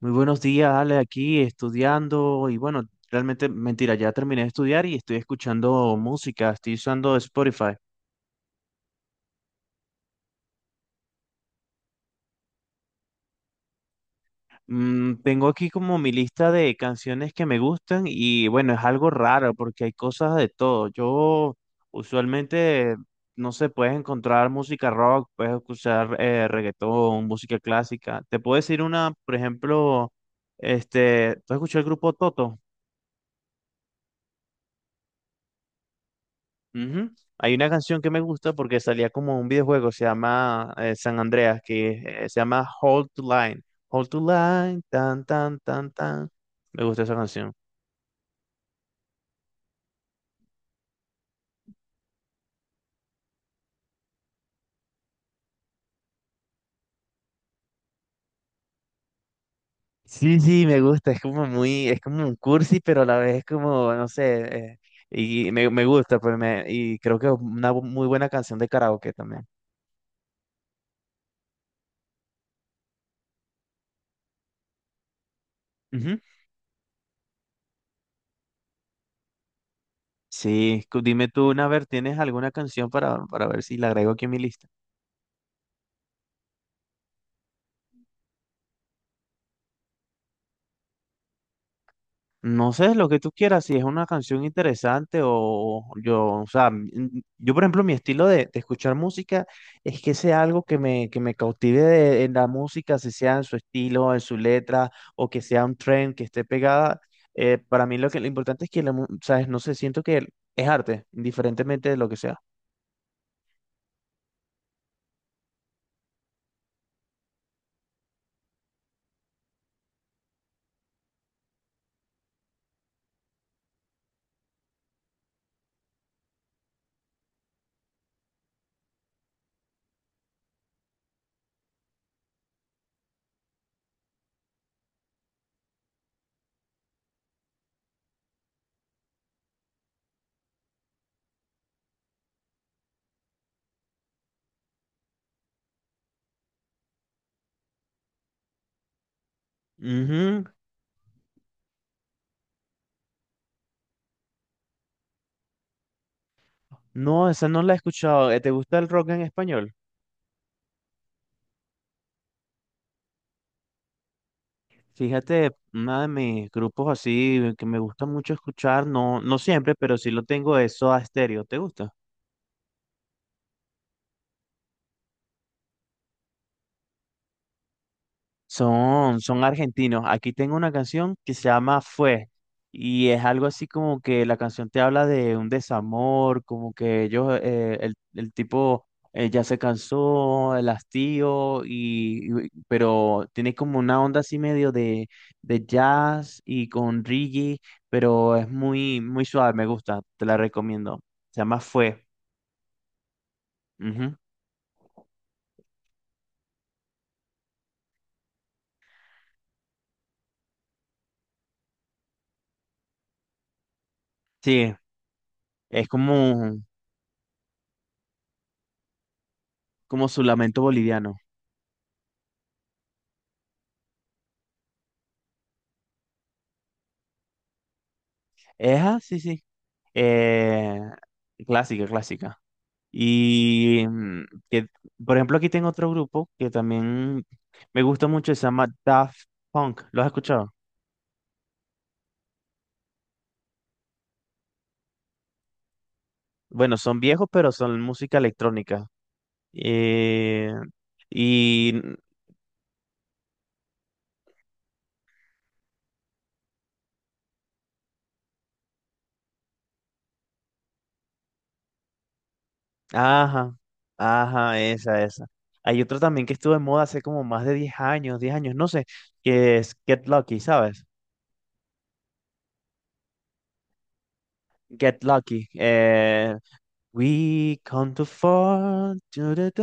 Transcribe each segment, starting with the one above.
Muy buenos días, Ale, aquí estudiando y bueno, realmente mentira, ya terminé de estudiar y estoy escuchando música, estoy usando Spotify. Mm, tengo aquí como mi lista de canciones que me gustan y bueno, es algo raro porque hay cosas de todo. Yo usualmente, no sé, puedes encontrar música rock, puedes escuchar reggaetón, música clásica. Te puedo decir una, por ejemplo, este, ¿tú has escuchado el grupo Toto? Ujú. Hay una canción que me gusta porque salía como un videojuego, se llama San Andreas, que se llama Hold to Line. Hold to Line, tan, tan, tan, tan. Me gusta esa canción. Sí, sí, me gusta, es como muy, es como un cursi, pero a la vez es como, no sé, y me gusta, pues me, y creo que es una muy buena canción de karaoke también. Ujú. Sí, dime tú, una Naver, ¿tienes alguna canción para ver si la agrego aquí en mi lista? No sé, lo que tú quieras, si es una canción interesante o yo, o sea, yo por ejemplo, mi estilo de escuchar música es que sea algo que me cautive de, en la música, si sea en su estilo, en su letra, o que sea un trend que esté pegada. Para mí lo que lo importante es que, la ¿sabes? No sé, siento que es arte, indiferentemente de lo que sea. Ujú. No, esa no la he escuchado. ¿Te gusta el rock en español? Fíjate, uno de mis grupos así que me gusta mucho escuchar, no, no siempre, pero sí lo tengo, es Soda Stereo. ¿Te gusta? Son argentinos. Aquí tengo una canción que se llama Fue y es algo así como que la canción te habla de un desamor, como que ellos, el tipo ya se cansó, el hastío, pero tiene como una onda así medio de, jazz y con reggae, pero es muy, muy suave, me gusta, te la recomiendo. Se llama Fue. Ujú. Sí, es como su lamento boliviano. Eja, sí, sí. Eh, Clásica, clásica. Y que, por ejemplo, aquí tengo otro grupo que también me gusta mucho, se llama Daft Punk. ¿Lo has escuchado? Bueno, son viejos, pero son música electrónica. Eh, y, ajá, ajá, esa, esa. Hay otro también que estuvo en moda hace como más de 10 años, 10 años, no sé, que es Get Lucky, ¿sabes? Get Lucky. We come to fall. Tu, tu, tu,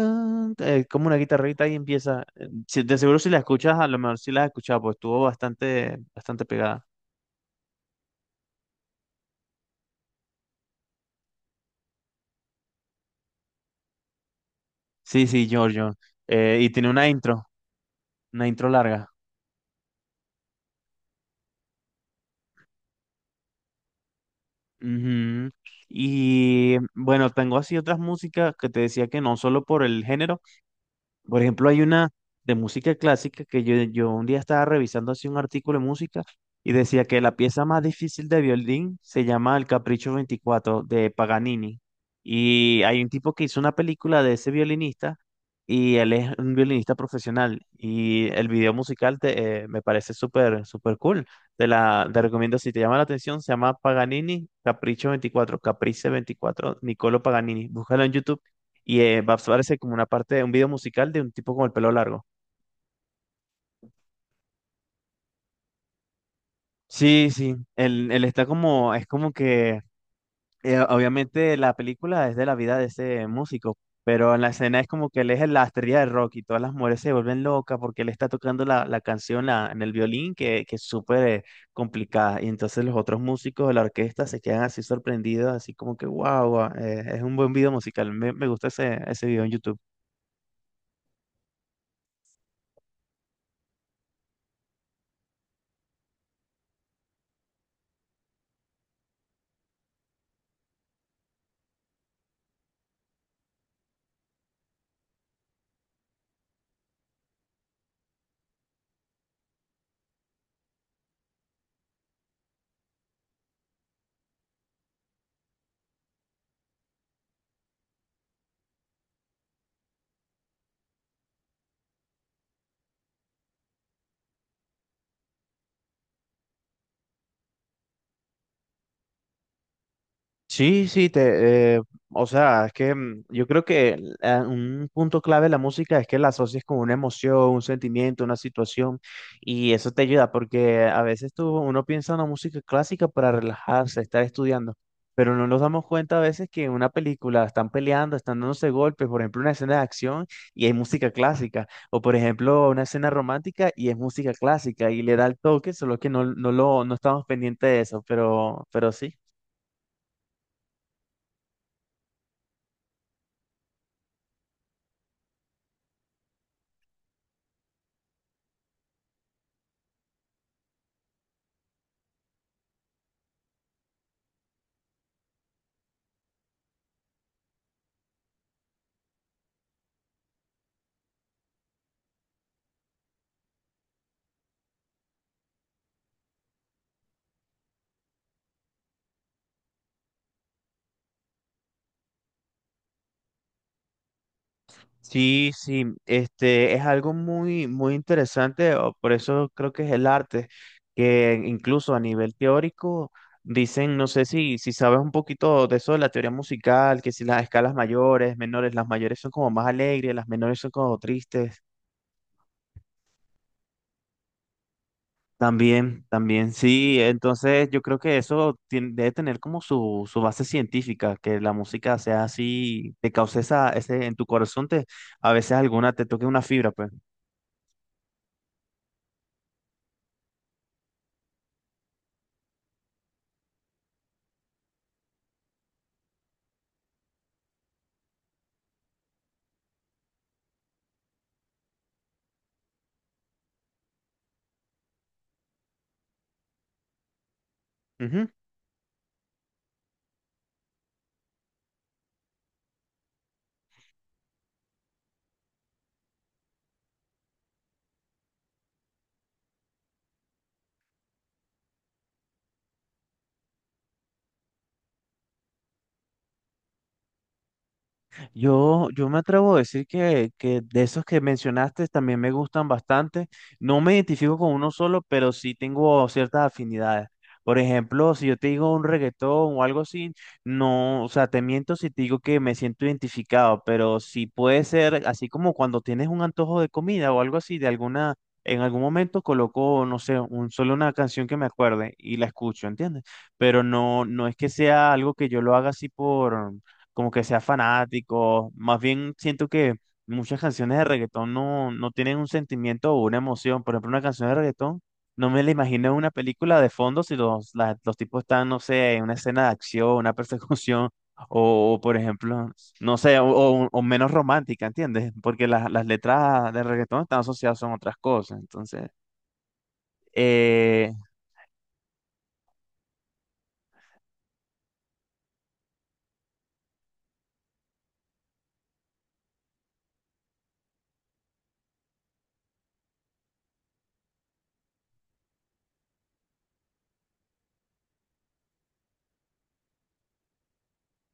tu. Como una guitarrita ahí empieza. De seguro si la escuchas, a lo mejor si la has escuchado, pues estuvo bastante, bastante pegada. Sí, sí, Giorgio. Y tiene una intro larga. Ujú. Y bueno, tengo así otras músicas que te decía que no solo por el género, por ejemplo, hay una de música clásica que yo un día estaba revisando así un artículo de música y decía que la pieza más difícil de violín se llama El Capricho 24 de Paganini. Y hay un tipo que hizo una película de ese violinista y él es un violinista profesional. Y el video musical me parece súper, súper cool. Te recomiendo si te llama la atención, se llama Paganini Capricho 24 Caprice 24 Niccolo Paganini. Búscalo en YouTube y va a aparecer como una parte de un video musical de un tipo con el pelo largo. Sí, sí. Él está como, es como que, obviamente la película es de la vida de ese músico, pero en la escena es como que él es la estrella de rock y todas las mujeres se vuelven locas porque él está tocando la canción en el violín que es súper complicada. Y entonces los otros músicos de la orquesta se quedan así sorprendidos, así como que, wow, es un buen video musical. Me gusta ese, ese video en YouTube. Sí, sí, te, o sea, es que yo creo que un punto clave de la música es que la asocies con una emoción, un sentimiento, una situación, y eso te ayuda, porque a veces tú, uno piensa en una música clásica para relajarse, estar estudiando, pero no nos damos cuenta a veces que en una película están peleando, están dándose golpes, por ejemplo, una escena de acción y hay música clásica, o por ejemplo, una escena romántica y es música clásica, y le da el toque, solo que no, no lo, no estamos pendientes de eso, pero sí. Sí, sí, este es algo muy, muy interesante, o por eso creo que es el arte, que incluso a nivel teórico dicen, no sé si sabes un poquito de eso de la teoría musical, que si las escalas mayores, menores, las mayores son como más alegres, las menores son como tristes. También, también, sí, entonces yo creo que eso debe tener como su base científica, que la música sea así, te cause esa, ese, en tu corazón te, a veces alguna, te toque una fibra, pues. Yo me atrevo a decir que, de esos que mencionaste también me gustan bastante. No me identifico con uno solo, pero sí tengo ciertas afinidades. Por ejemplo, si yo te digo un reggaetón o algo así, no, o sea, te miento si te digo que me siento identificado, pero sí puede ser así como cuando tienes un antojo de comida o algo así, de alguna, en algún momento coloco, no sé, un, solo una canción que me acuerde y la escucho, ¿entiendes? Pero no, no es que sea algo que yo lo haga así por como que sea fanático. Más bien siento que muchas canciones de reggaetón no, no tienen un sentimiento o una emoción. Por ejemplo, una canción de reggaetón, no me la imagino en una película de fondo si los tipos están, no sé, en una escena de acción, una persecución. Por ejemplo, no sé, o menos romántica, ¿entiendes? Porque las letras de reggaetón están asociadas a otras cosas. Entonces, eh,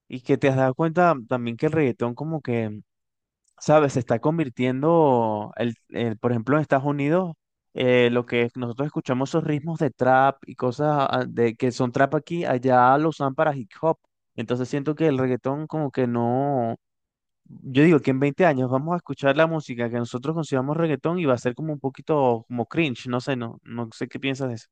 y que te has dado cuenta también que el reggaetón como que ¿sabes? Se está convirtiendo, por ejemplo, en Estados Unidos, lo que nosotros escuchamos, esos ritmos de trap y cosas de, que son trap aquí, allá lo usan para hip hop. Entonces siento que el reggaetón como que no, yo digo que en 20 años vamos a escuchar la música que nosotros consideramos reggaetón y va a ser como un poquito como cringe, no sé, no, no sé qué piensas de eso.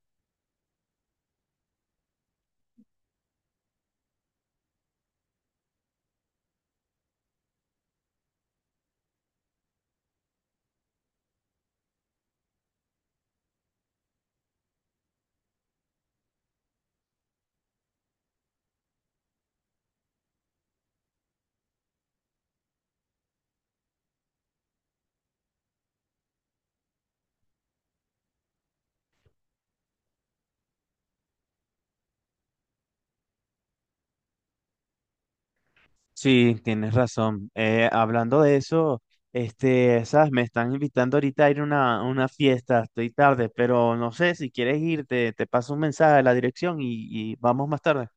Sí, tienes razón. Hablando de eso, este, sabes, me están invitando ahorita a ir a una, fiesta, estoy tarde, pero no sé, si quieres ir, te paso un mensaje a la dirección y vamos más tarde.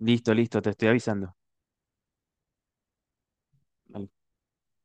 Listo, listo, te estoy avisando. Vale.